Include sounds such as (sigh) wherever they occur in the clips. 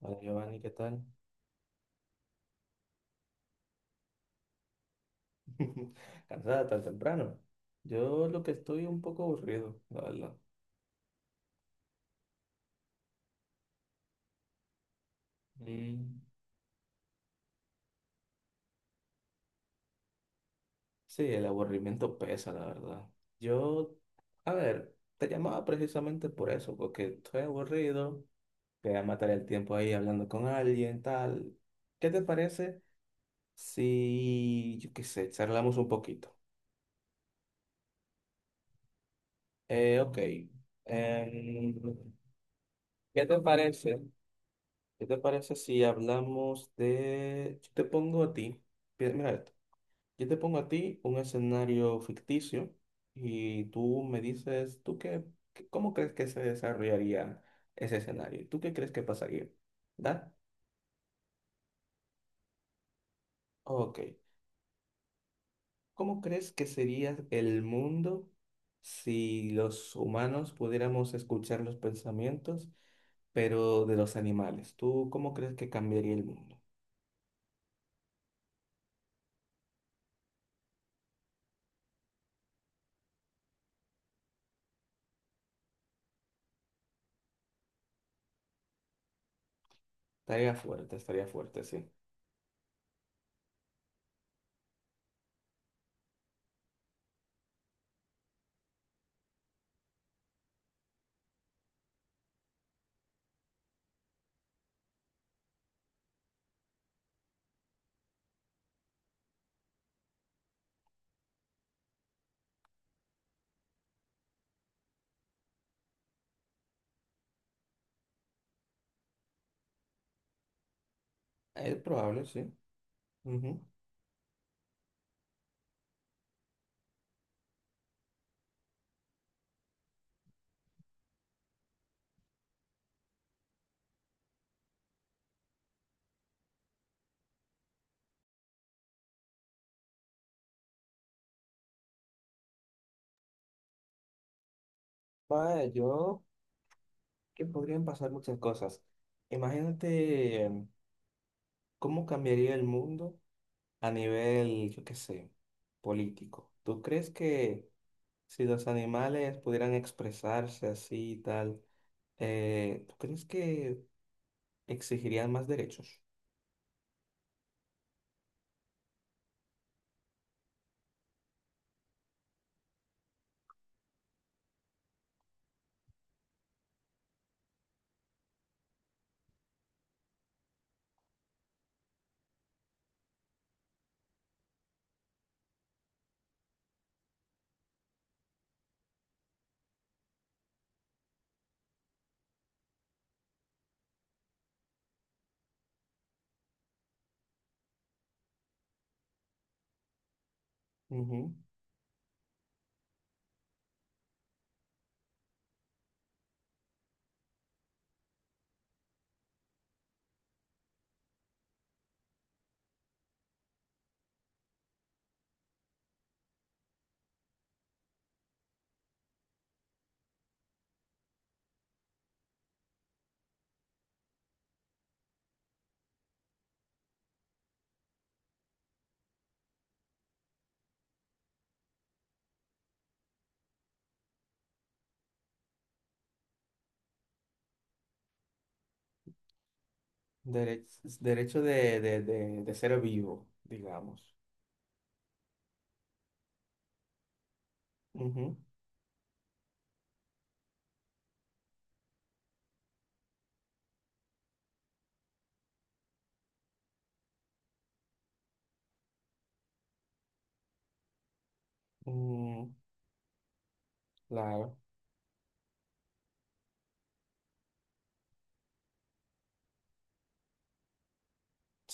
Hola Giovanni, ¿qué tal? (laughs) Cansada tan temprano. Yo lo que estoy un poco aburrido, la verdad. Mm. Sí, el aburrimiento pesa, la verdad. Yo, a ver, te llamaba precisamente por eso, porque estoy aburrido, quería matar el tiempo ahí hablando con alguien, tal. ¿Qué te parece si, yo qué sé, charlamos un poquito? Ok. em, ¿Qué te parece? ¿Qué te parece si hablamos de... Yo te pongo a ti, mira esto, yo te pongo a ti un escenario ficticio y tú me dices, ¿ cómo crees que se desarrollaría ese escenario? ¿Tú qué crees que pasaría? ¿Da? Ok. ¿Cómo crees que sería el mundo si los humanos pudiéramos escuchar los pensamientos, pero de los animales? ¿Tú cómo crees que cambiaría el mundo? Estaría fuerte, sí. Es probable, sí. Ujú. Vaya, yo que podrían pasar muchas cosas. Imagínate cómo cambiaría el mundo a nivel, yo qué sé, político. ¿Tú crees que si los animales pudieran expresarse así y tal, tú crees que exigirían más derechos? Ujú. Dere- derecho de ser vivo, digamos. Ujú. Mm, claro.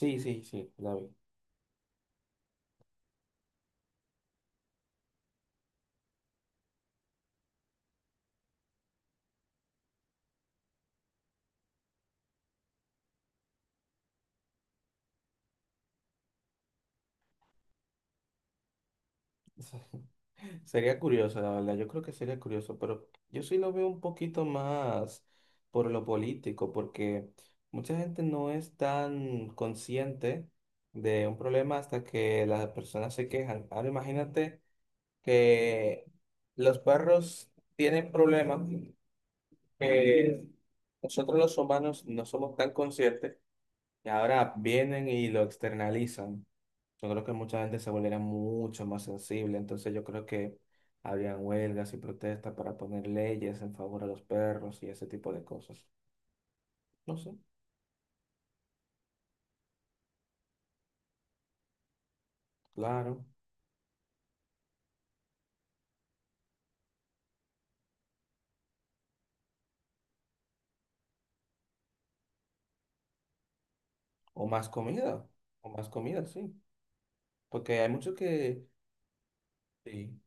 Sí, sí, sí, la vi. (laughs) Sería curioso, la verdad. Yo creo que sería curioso, pero yo sí lo veo un poquito más por lo político, porque mucha gente no es tan consciente de un problema hasta que las personas se quejan. Ahora imagínate que los perros tienen problemas que nosotros los humanos no somos tan conscientes y ahora vienen y lo externalizan. Yo creo que mucha gente se volviera mucho más sensible, entonces yo creo que habrían huelgas y protestas para poner leyes en favor a los perros y ese tipo de cosas. No sé, claro. O más comida, o más comida, sí. Porque hay muchos que, sí,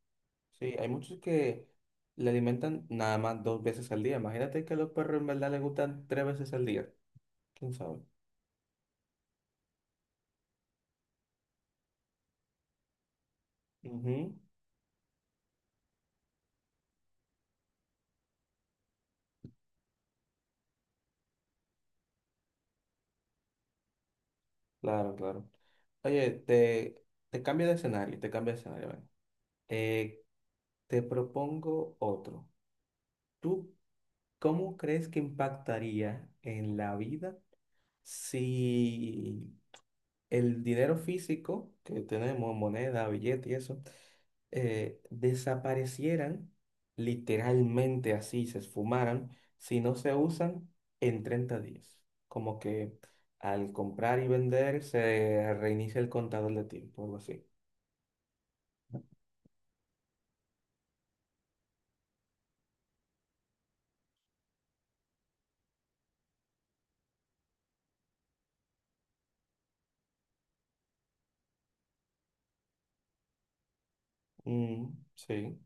sí, hay muchos que le alimentan nada más 2 veces al día. Imagínate que a los perros en verdad les gustan 3 veces al día. ¿Quién sabe? Ujú. Claro, claro. Oye, te cambio de escenario, te cambio de escenario. Ven. Eh, Te propongo otro. ¿Tú cómo crees que impactaría en la vida si el dinero físico que tenemos, moneda, billete y eso, desaparecieran literalmente así, se esfumaran, si no se usan en 30 días? Como que al comprar y vender se reinicia el contador de tiempo, algo así. Mm, sí.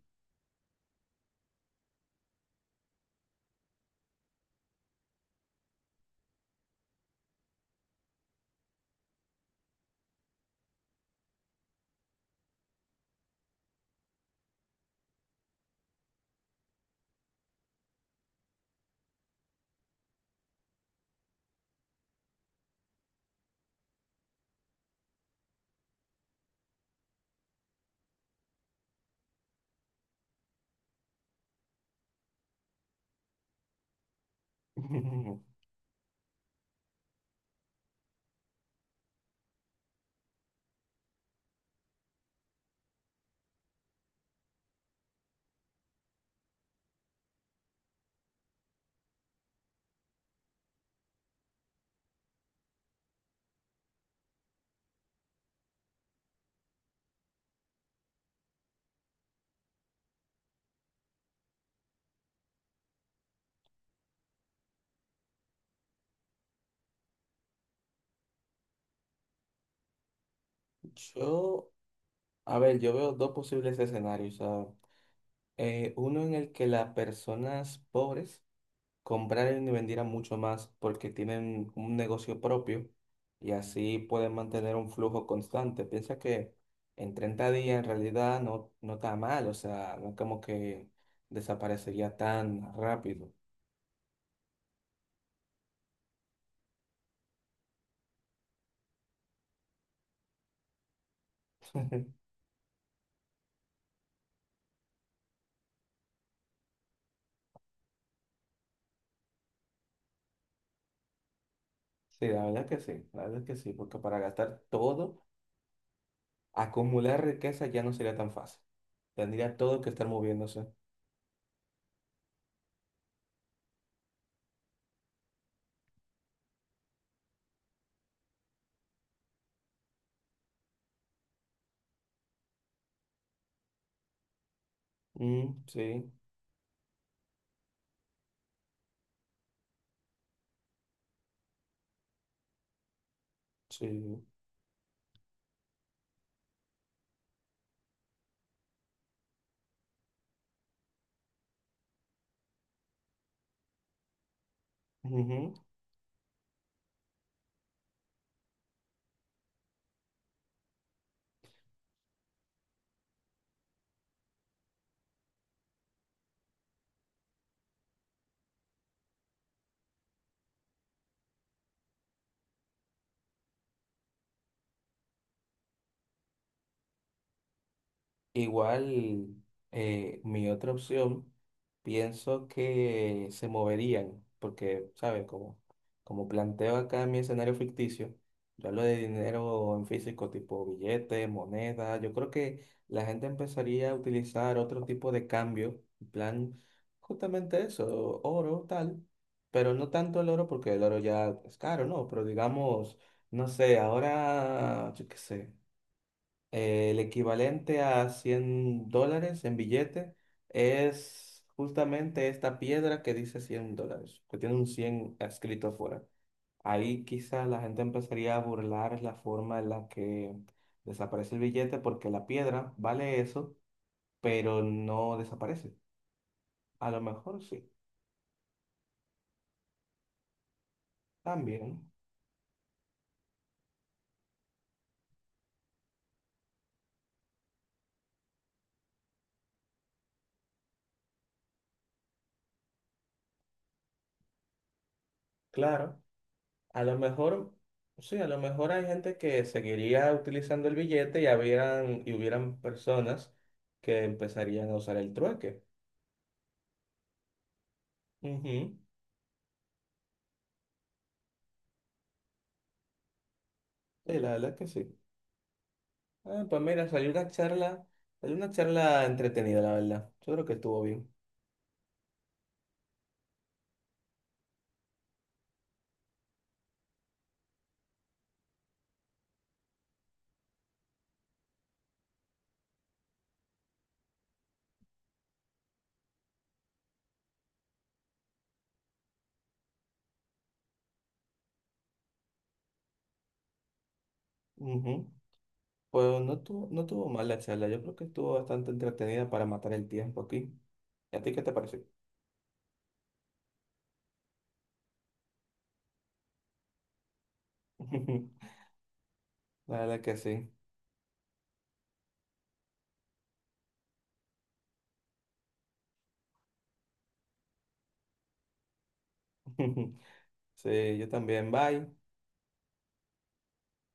(laughs) Yo A ver, yo veo dos posibles escenarios. O sea, uno en el que las personas pobres compraran y vendieran mucho más porque tienen un negocio propio y así pueden mantener un flujo constante. Piensa que en 30 días en realidad no está mal, o sea, no es como que desaparecería tan rápido. (laughs) Sí, la verdad que sí, la verdad que sí, porque para gastar todo, acumular riqueza ya no sería tan fácil. Tendría todo que estar moviéndose. Mm, sí, sí. Ujú. Igual, mi otra opción, pienso que se moverían, porque, ¿sabes? Como planteo acá mi escenario ficticio, yo hablo de dinero en físico, tipo billetes, monedas, yo creo que la gente empezaría a utilizar otro tipo de cambio, en plan, justamente eso, oro, tal, pero no tanto el oro, porque el oro ya es caro, ¿no? Pero digamos, no sé, ahora, yo qué sé. El equivalente a $100 en billete es justamente esta piedra que dice $100, que tiene un 100 escrito afuera. Ahí quizá la gente empezaría a burlar la forma en la que desaparece el billete porque la piedra vale eso, pero no desaparece. A lo mejor sí, también, claro. A lo mejor, sí, a lo mejor hay gente que seguiría utilizando el billete y habrían, y hubieran personas que empezarían a usar el trueque. Ujú. Sí, la verdad que sí. Ah, pues mira, salió una charla entretenida, la verdad. Yo creo que estuvo bien. Ujú. Pues no tuvo mal la charla. Yo creo que estuvo bastante entretenida para matar el tiempo aquí. ¿Y a ti qué te pareció? (laughs) La verdad que sí. (laughs) Sí, yo también. Bye.